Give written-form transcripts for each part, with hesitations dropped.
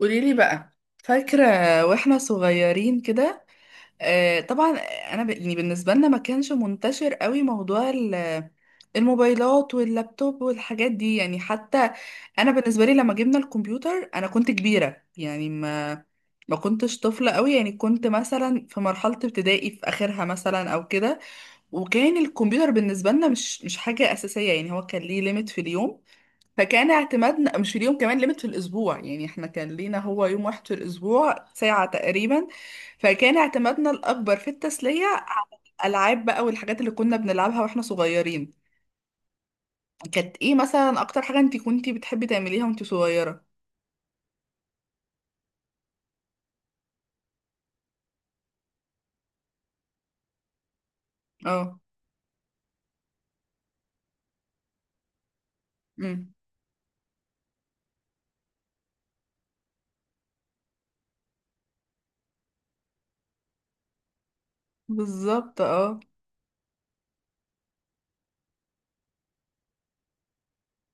قوليلي بقى، فاكرة واحنا صغيرين كده؟ آه طبعا. انا يعني بالنسبة لنا ما كانش منتشر قوي موضوع الموبايلات واللابتوب والحاجات دي. يعني حتى انا بالنسبة لي لما جبنا الكمبيوتر انا كنت كبيرة، يعني ما كنتش طفلة قوي، يعني كنت مثلا في مرحلة ابتدائي في اخرها مثلا او كده. وكان الكمبيوتر بالنسبة لنا مش حاجة اساسية، يعني هو كان ليه ليميت في اليوم. فكان اعتمادنا مش اليوم، كمان ليميت في الاسبوع، يعني احنا كان لينا هو يوم واحد في الاسبوع ساعة تقريبا. فكان اعتمادنا الاكبر في التسلية على الالعاب بقى والحاجات اللي كنا بنلعبها واحنا صغيرين. كانت ايه مثلا اكتر حاجة انت كنتي بتحبي تعمليها وانت صغيرة؟ اه. امم. بالظبط اه.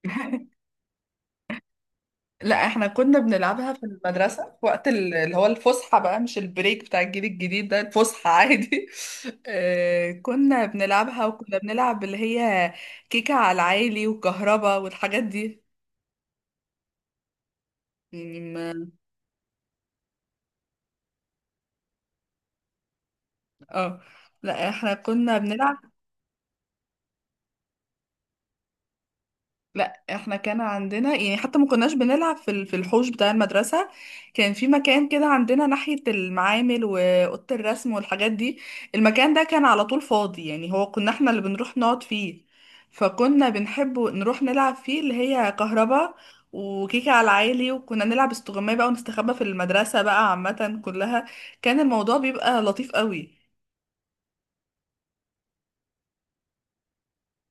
لا احنا كنا بنلعبها في المدرسة في وقت اللي هو الفسحة بقى، مش البريك بتاع الجيل الجديد ده، الفسحة عادي. كنا بنلعبها وكنا بنلعب اللي هي كيكة على العالي وكهربا والحاجات دي. يعني ما- اه. لا احنا كنا بنلعب. لا احنا كان عندنا، يعني حتى ما كناش بنلعب في في الحوش بتاع المدرسة. كان في مكان كده عندنا ناحية المعامل وأوضة الرسم والحاجات دي. المكان ده كان على طول فاضي، يعني هو كنا احنا اللي بنروح نقعد فيه. فكنا بنحب نروح نلعب فيه اللي هي كهربا وكيكة على العالي، وكنا نلعب استغماية بقى ونستخبى في المدرسة بقى عامة كلها. كان الموضوع بيبقى لطيف قوي.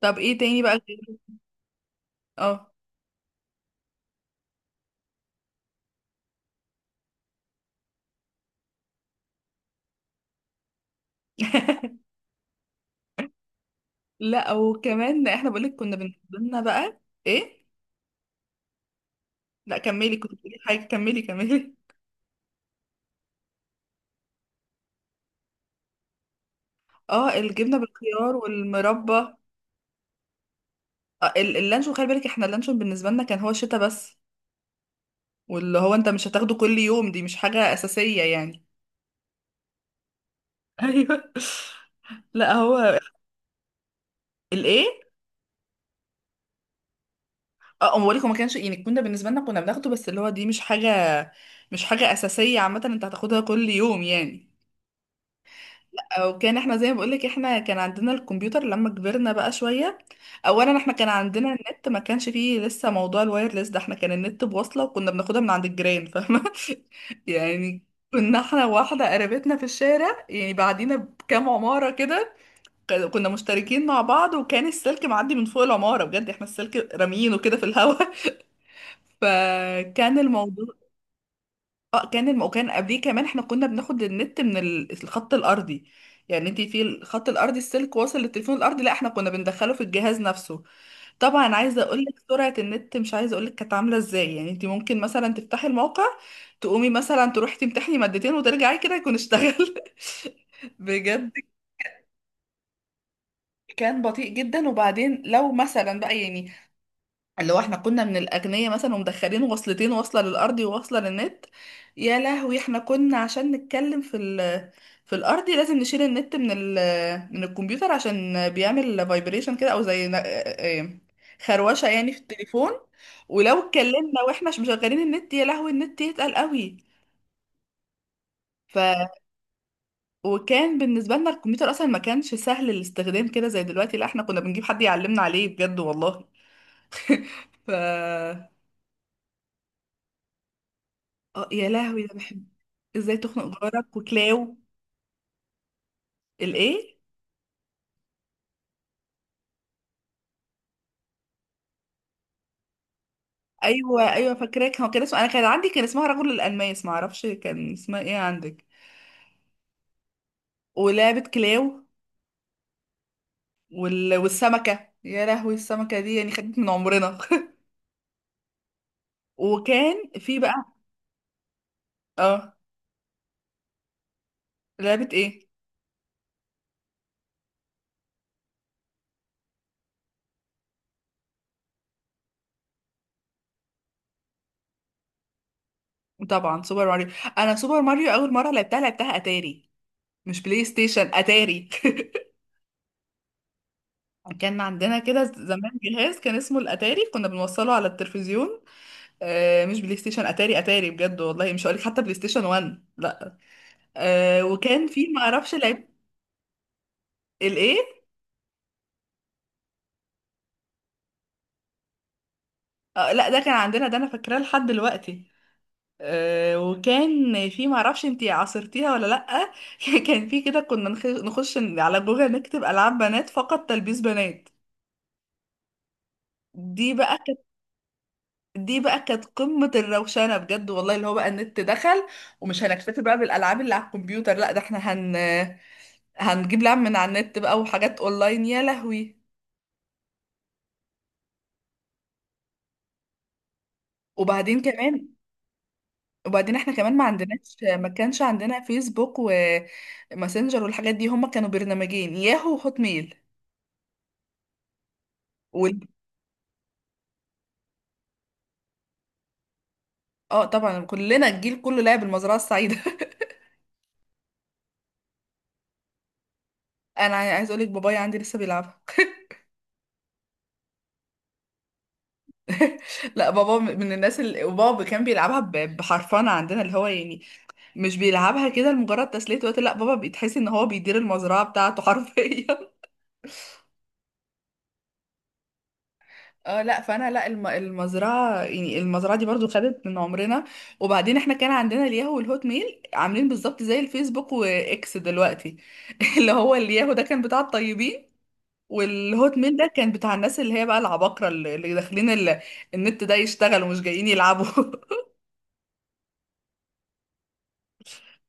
طب ايه تاني بقى اه. لا وكمان احنا بقولك كنا بالنسبه لنا بقى. ايه. لا كملي، كنت بتقولي حاجه، كملي. اه الجبنه بالخيار والمربى آه. اللانشون خلي بالك، احنا اللانشون بالنسبه لنا كان هو الشتا بس. واللي هو انت مش هتاخده كل يوم، دي مش حاجه اساسيه يعني. ايوه. لا هو. الايه؟ اه أما بقولك هو ما كانش، يعني كنا بالنسبه لنا كنا بناخده بس، اللي هو دي مش حاجه اساسيه عامه انت هتاخدها كل يوم يعني. او كان احنا زي ما بقولك، احنا كان عندنا الكمبيوتر لما كبرنا بقى شوية. اولا احنا كان عندنا النت، ما كانش فيه لسه موضوع الوايرلس ده، احنا كان النت بوصلة وكنا بناخدها من عند الجيران، فاهمة؟ يعني كنا احنا واحدة قريبتنا في الشارع يعني بعدينا بكام عمارة كده. كنا مشتركين مع بعض، وكان السلك معدي من فوق العمارة، بجد احنا السلك راميينه كده في الهوا. فكان الموضوع اه. وكان قبليه كمان احنا كنا بناخد النت من الخط الارضي. يعني انت في الخط الارضي السلك واصل للتليفون الارضي، لا احنا كنا بندخله في الجهاز نفسه. طبعا عايزه اقول لك سرعه النت، مش عايزه اقول لك كانت عامله ازاي، يعني انت ممكن مثلا تفتحي الموقع تقومي مثلا تروحي تمتحني مادتين وترجعي كده يكون اشتغل. بجد. كان بطيء جدا. وبعدين لو مثلا بقى يعني اللي هو احنا كنا من الأغنياء مثلا ومدخلين وصلتين، واصلة للأرضي وواصلة للنت، يا لهوي احنا كنا عشان نتكلم في ال في الأرضي لازم نشيل النت من ال من الكمبيوتر عشان بيعمل فايبريشن كده، أو زي خروشة يعني في التليفون. ولو اتكلمنا واحنا مش مشغلين النت يا لهوي النت يتقل قوي. ف. وكان بالنسبة لنا الكمبيوتر أصلا ما كانش سهل الاستخدام كده زي دلوقتي، لا احنا كنا بنجيب حد يعلمنا عليه بجد والله. ف. اه يا لهوي ده بحب. ازاي تخنق جارك وكلاو. الايه؟ ايوه ايوه فاكراك، هو كان اسمه، انا كان عندي كان اسمها رجل الالماس، ما اعرفش كان اسمها ايه عندك. ولعبه كلاو. والسمكه، يا لهوي السمكه دي يعني خدت من عمرنا. وكان في بقى. اه. لعبه ايه؟ طبعا سوبر ماريو. انا سوبر ماريو اول مره لعبتها لعبتها اتاري، مش بلاي ستيشن اتاري. كان عندنا كده زمان جهاز كان اسمه الاتاري، كنا بنوصله على التلفزيون. آه مش بلاي ستيشن اتاري، اتاري بجد والله، مش هقولك حتى بلاي ستيشن 1، لا. آه وكان في ما اعرفش لعب. الايه؟ آه لا ده كان عندنا، ده انا فاكراه لحد دلوقتي. آه وكان في ما اعرفش انتي عاصرتيها ولا لا. كان في كده كنا نخش على جوجل نكتب العاب بنات فقط تلبيس بنات. دي بقى كانت. دي بقى كانت قمة الروشنة بجد والله، اللي هو بقى النت دخل ومش هنكتفي بقى بالألعاب اللي على الكمبيوتر، لا ده احنا هنجيب لعب من على النت بقى وحاجات اونلاين يا لهوي. وبعدين كمان. وبعدين احنا كمان ما عندناش، ما كانش عندنا فيسبوك وماسنجر والحاجات دي، هما كانوا برنامجين ياهو وهوت ميل. وال... اه طبعا كلنا الجيل كله لعب المزرعة السعيدة. انا عايز اقول لك بابايا عندي لسه بيلعبها. لا بابا من الناس اللي بابا كان بيلعبها بحرفنة عندنا، اللي هو يعني مش بيلعبها كده لمجرد تسلية وقت، لا بابا بيتحس ان هو بيدير المزرعة بتاعته حرفيا. اه لا فانا لا المزرعه، يعني المزرعه دي برضو خدت من عمرنا. وبعدين احنا كان عندنا الياهو والهوت ميل عاملين بالظبط زي الفيسبوك واكس دلوقتي. اللي هو الياهو ده كان بتاع الطيبين، والهوت ميل ده كان بتاع الناس اللي هي بقى العباقرة اللي داخلين النت ده يشتغلوا مش جايين يلعبوا.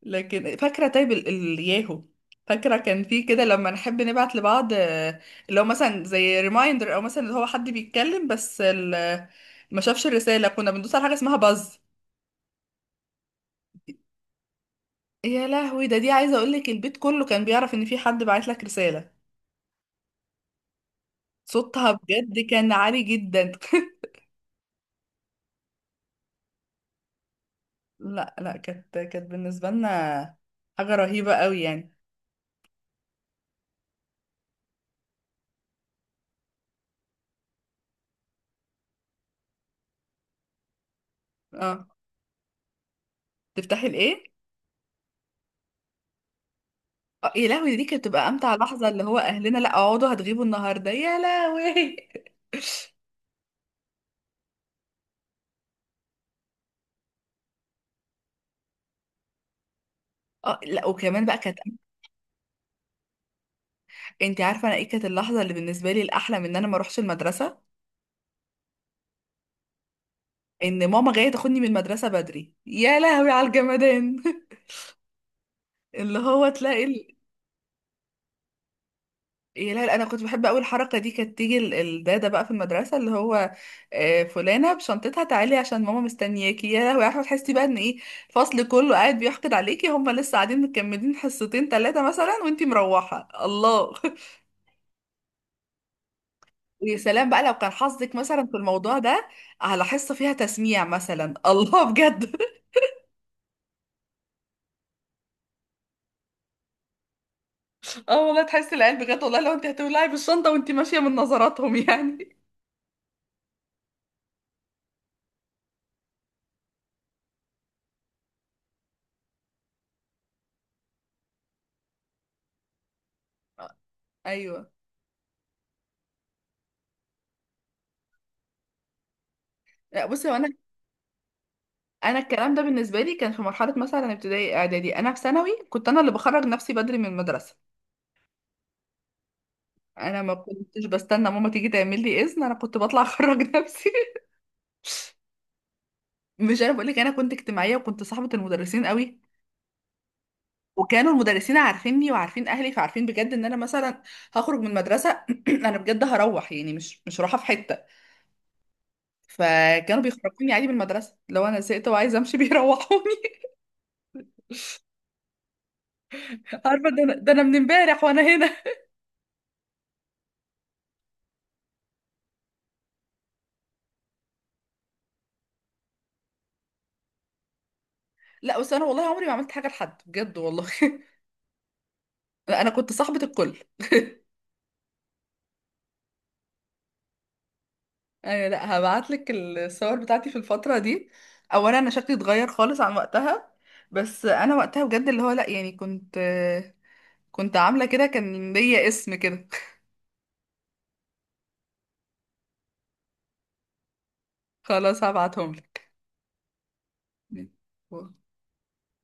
لكن فاكرة طيب الياهو. فاكرة كان في كده لما نحب نبعت لبعض، اللي هو مثلا زي ريمايندر او مثلا اللي هو حد بيتكلم بس ما شافش الرسالة، كنا بندوس على حاجة اسمها باز. يا لهوي ده، دي عايزة اقولك البيت كله كان بيعرف ان في حد بعت لك رسالة، صوتها بجد كان عالي جدا. لا لا، كانت كانت بالنسبة لنا حاجة رهيبة قوي يعني. اه. تفتحي الايه؟ يا لهوي دي كانت بتبقى امتع لحظه، اللي هو اهلنا لا اقعدوا هتغيبوا النهارده يا لهوي. اه لا وكمان بقى كانت. انت عارفه انا ايه كانت اللحظه اللي بالنسبه لي الاحلى من ان انا ما اروحش المدرسه؟ ان ماما جايه تاخدني من المدرسه بدري يا لهوي على الجمدان. اللي هو تلاقي يا لا لا، انا كنت بحب قوي الحركه دي، كانت تيجي الداده بقى في المدرسه اللي هو فلانه بشنطتها تعالي عشان ماما مستنياكي، يا لهوي يا احمد، تحسي بقى ان ايه الفصل كله قاعد بيحقد عليكي، هم لسه قاعدين مكملين حصتين ثلاثه مثلا وانتي مروحه، الله. ويا سلام بقى لو كان حظك مثلا في الموضوع ده على حصه فيها تسميع مثلا، الله بجد. اه والله تحسي العيال، بجد والله لو انت هتولعي بالشنطه وانتي ماشيه من نظراتهم يعني. ايوه. لا بصي هو انا الكلام ده بالنسبه لي كان في مرحله مثلا ابتدائي اعدادي، انا في ثانوي كنت انا اللي بخرج نفسي بدري من المدرسه، انا ما كنتش بستنى ماما تيجي تعمل لي اذن، انا كنت بطلع اخرج نفسي. مش انا بقول لك انا كنت اجتماعيه وكنت صاحبه المدرسين قوي، وكانوا المدرسين عارفيني وعارفين اهلي، فعارفين بجد ان انا مثلا هخرج من المدرسه انا بجد هروح يعني مش رايحه في حته، فكانوا بيخرجوني عادي من المدرسه لو انا زهقت وعايزه امشي بيروحوني. عارفه ده، انا من امبارح وانا هنا. لا بس انا والله عمري ما عملت حاجه لحد بجد والله، انا كنت صاحبة الكل يعني. لا هبعت لك الصور بتاعتي في الفترة دي، اولا انا شكلي اتغير خالص عن وقتها، بس انا وقتها بجد اللي هو لا يعني كنت كنت عاملة كده، كان ليا اسم كده. خلاص هبعتهم لك